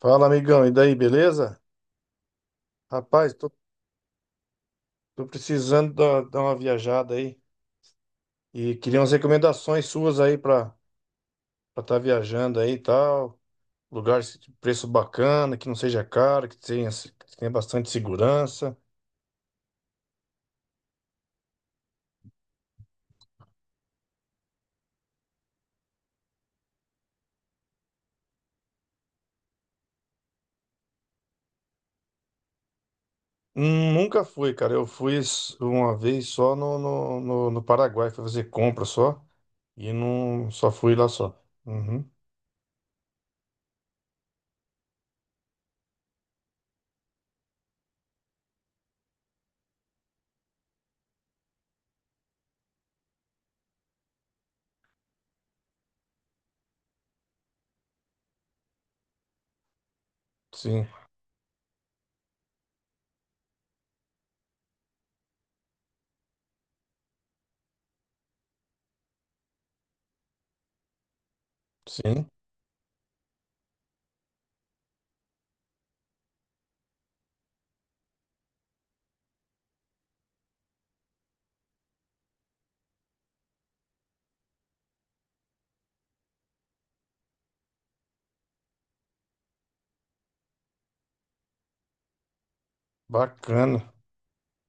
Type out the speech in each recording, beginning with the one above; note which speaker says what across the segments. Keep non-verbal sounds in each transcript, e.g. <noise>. Speaker 1: Fala, amigão, e daí, beleza? Rapaz, tô precisando dar uma viajada aí e queria umas recomendações suas aí pra estar viajando aí e tal. Lugar de preço bacana, que não seja caro, que tenha, que tenha bastante segurança. Nunca fui, cara. Eu fui uma vez só no Paraguai, fui fazer compra só e não só fui lá só. Uhum, sim, sim, bacana.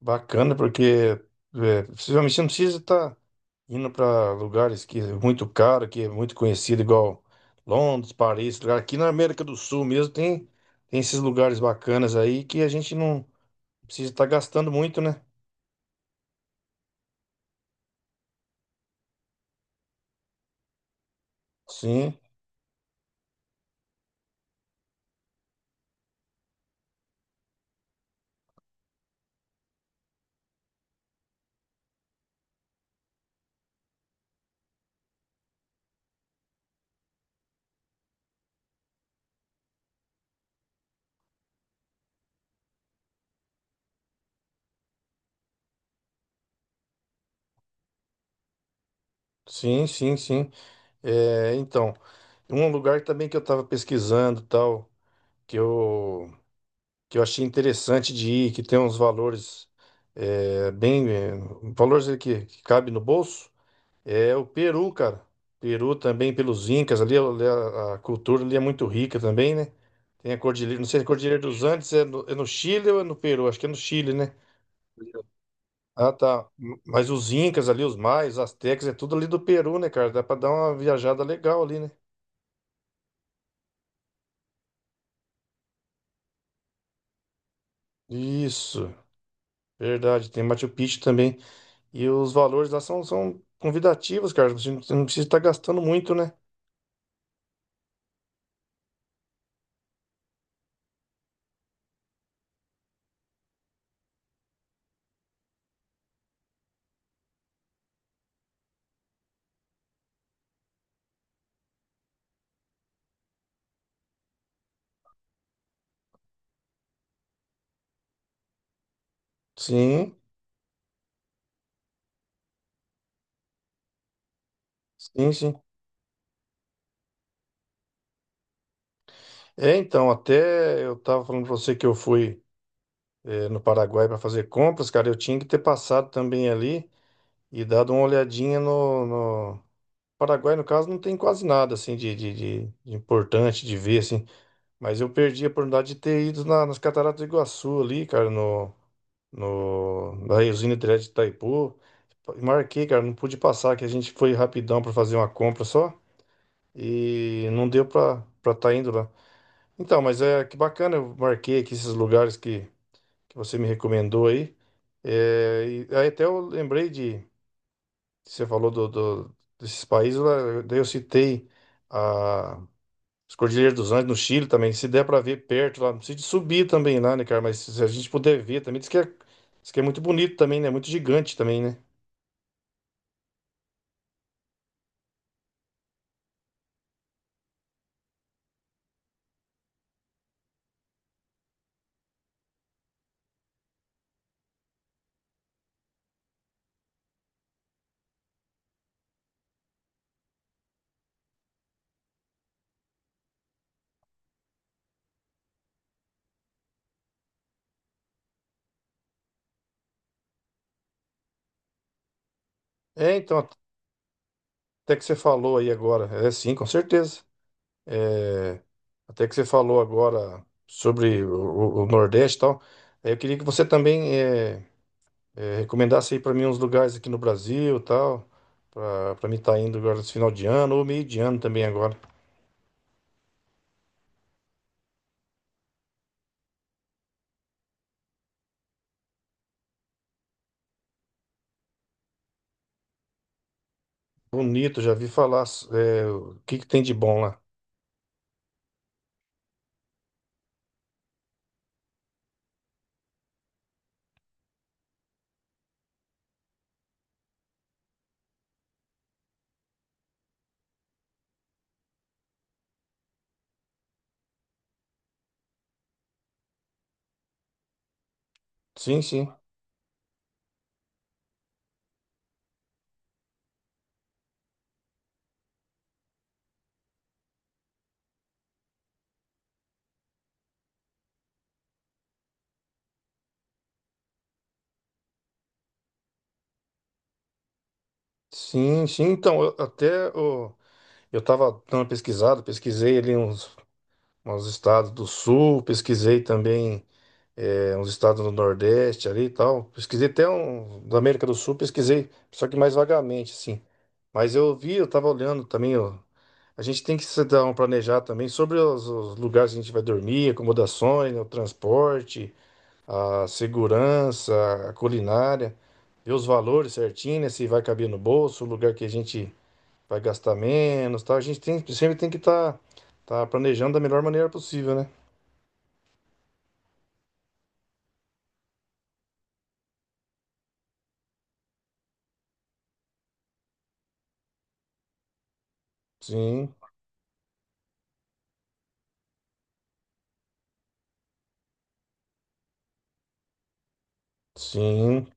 Speaker 1: Bacana, porque é, possivelmente você não precisa estar indo para lugares que é muito caro, que é muito conhecido, igual Londres, Paris, lugar. Aqui na América do Sul mesmo tem, tem esses lugares bacanas aí que a gente não precisa estar gastando muito, né? Sim, sim, sim, sim. É, então, um lugar também que eu estava pesquisando, tal, que eu, que eu achei interessante de ir, que tem uns valores é, bem, é, valores aí que cabe no bolso. É o Peru, cara. Peru também, pelos Incas ali, ali a cultura ali é muito rica também, né? Tem a Cordilheira, não sei se a Cordilheira dos Andes é no Chile ou é no Peru? Acho que é no Chile, né? Ah, tá. Mas os Incas ali, os Maias, os Astecas, é tudo ali do Peru, né, cara? Dá pra dar uma viajada legal ali, né? Isso, verdade. Tem Machu Picchu também. E os valores lá são, são convidativos, cara. Você não precisa estar gastando muito, né? Sim, sim, sim. É, então, até eu tava falando pra você que eu fui. Eh, no Paraguai para fazer compras, cara, eu tinha que ter passado também ali e dado uma olhadinha no, no... Paraguai, no caso, não tem quase nada assim de, de importante de ver, assim. Mas eu perdi a oportunidade de ter ido nas Cataratas do Iguaçu ali, cara, no, no, na usina hidrelétrica de Itaipu. Marquei, cara, não pude passar, que a gente foi rapidão para fazer uma compra só e não deu para estar indo lá. Então, mas é que bacana, eu marquei aqui esses lugares que você me recomendou aí. É, e aí até eu lembrei de, você falou do, desses países, lá, daí eu citei a, as Cordilheiras dos Andes no Chile também, se der para ver perto lá, não precisa de subir também lá, né, cara, mas se a gente puder ver também, diz que é muito bonito também, né, muito gigante também, né. É, então, até que você falou aí agora, é sim, com certeza. É, até que você falou agora sobre o, o Nordeste e tal, é, eu queria que você também... é, é, recomendasse aí pra mim uns lugares aqui no Brasil, e tal, pra para mim estar indo agora nesse final de ano ou meio de ano também agora. Bonito, já vi falar, é, o que que tem de bom lá? Sim, sim. Sim, sim. Então, eu, eu estava dando uma pesquisada, pesquisei ali uns, uns estados do sul, pesquisei também é, uns estados do Nordeste ali e tal. Pesquisei até um da América do Sul, pesquisei, só que mais vagamente, assim. Mas eu vi, eu tava olhando também, ó. A gente tem que se dar um planejar também sobre os lugares que a gente vai dormir, acomodações, né, o transporte, a segurança, a culinária, ver os valores certinho, né, se vai caber no bolso, o lugar que a gente vai gastar menos, tal. A gente tem, sempre tem que estar tá planejando da melhor maneira possível, né? Sim, sim.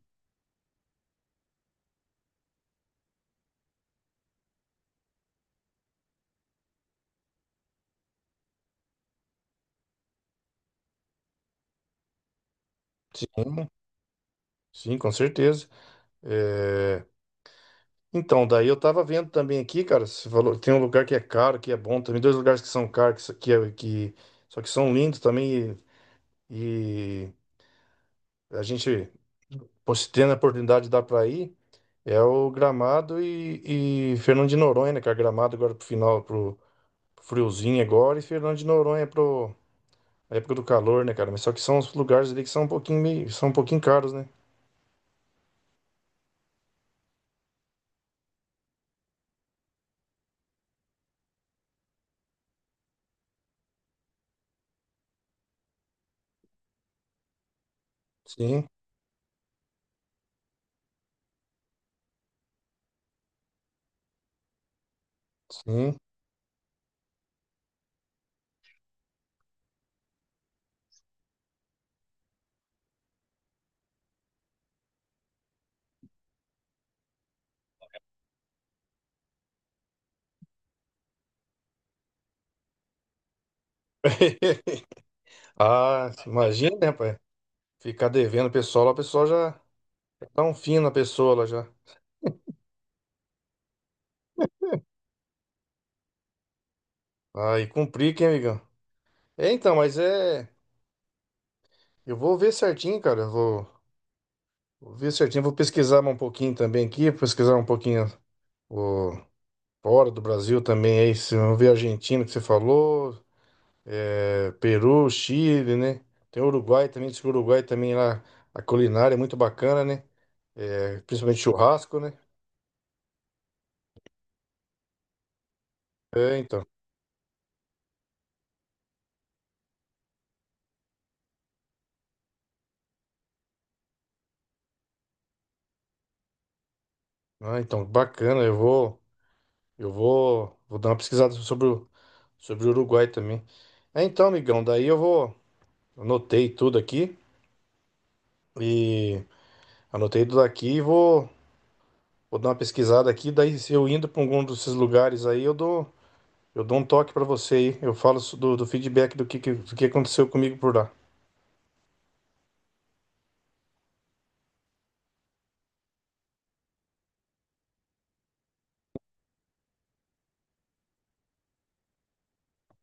Speaker 1: Sim. Sim, com certeza. É, então, daí eu tava vendo também aqui, cara, você falou, tem um lugar que é caro, que é bom também, dois lugares que são caros, que, só- que, é- que- só que são lindos também, e a gente, pô, se tendo a oportunidade de dar pra ir, é o Gramado e Fernando de Noronha, né cara, Gramado agora pro final, pro, pro friozinho agora, e Fernando de Noronha pro a época do calor, né, cara? Mas só que são os lugares ali que são um pouquinho meio, são um pouquinho caros, né? Sim, sim. <laughs> Ah, imagina, né, pai? Ficar devendo o pessoal, lá, o pessoal já dá um fim na pessoa lá já. Aí cumprir, hein, amigão? É, então, mas é. Eu vou ver certinho, cara. Vou ver certinho. Vou pesquisar um pouquinho também aqui, pesquisar um pouquinho o, fora do Brasil também. Aí, se eu ver a Argentina que você falou, é, Peru, Chile, né? Tem o Uruguai também. Diz que o Uruguai também lá, a culinária é muito bacana, né? É, principalmente churrasco, né? É, então. Ah, então, bacana. Eu vou, vou dar uma pesquisada sobre o sobre o Uruguai também. É, então, amigão, daí eu vou. Anotei tudo aqui e anotei tudo aqui e vou, vou dar uma pesquisada aqui. Daí, se eu indo para algum desses lugares aí, eu dou um toque para você aí. Eu falo do, do feedback do que- do que aconteceu comigo por lá.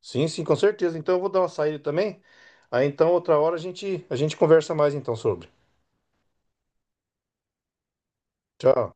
Speaker 1: Sim, sim, com certeza. Então, eu vou dar uma saída também. Aí, então, outra hora a gente conversa mais então sobre. Tchau.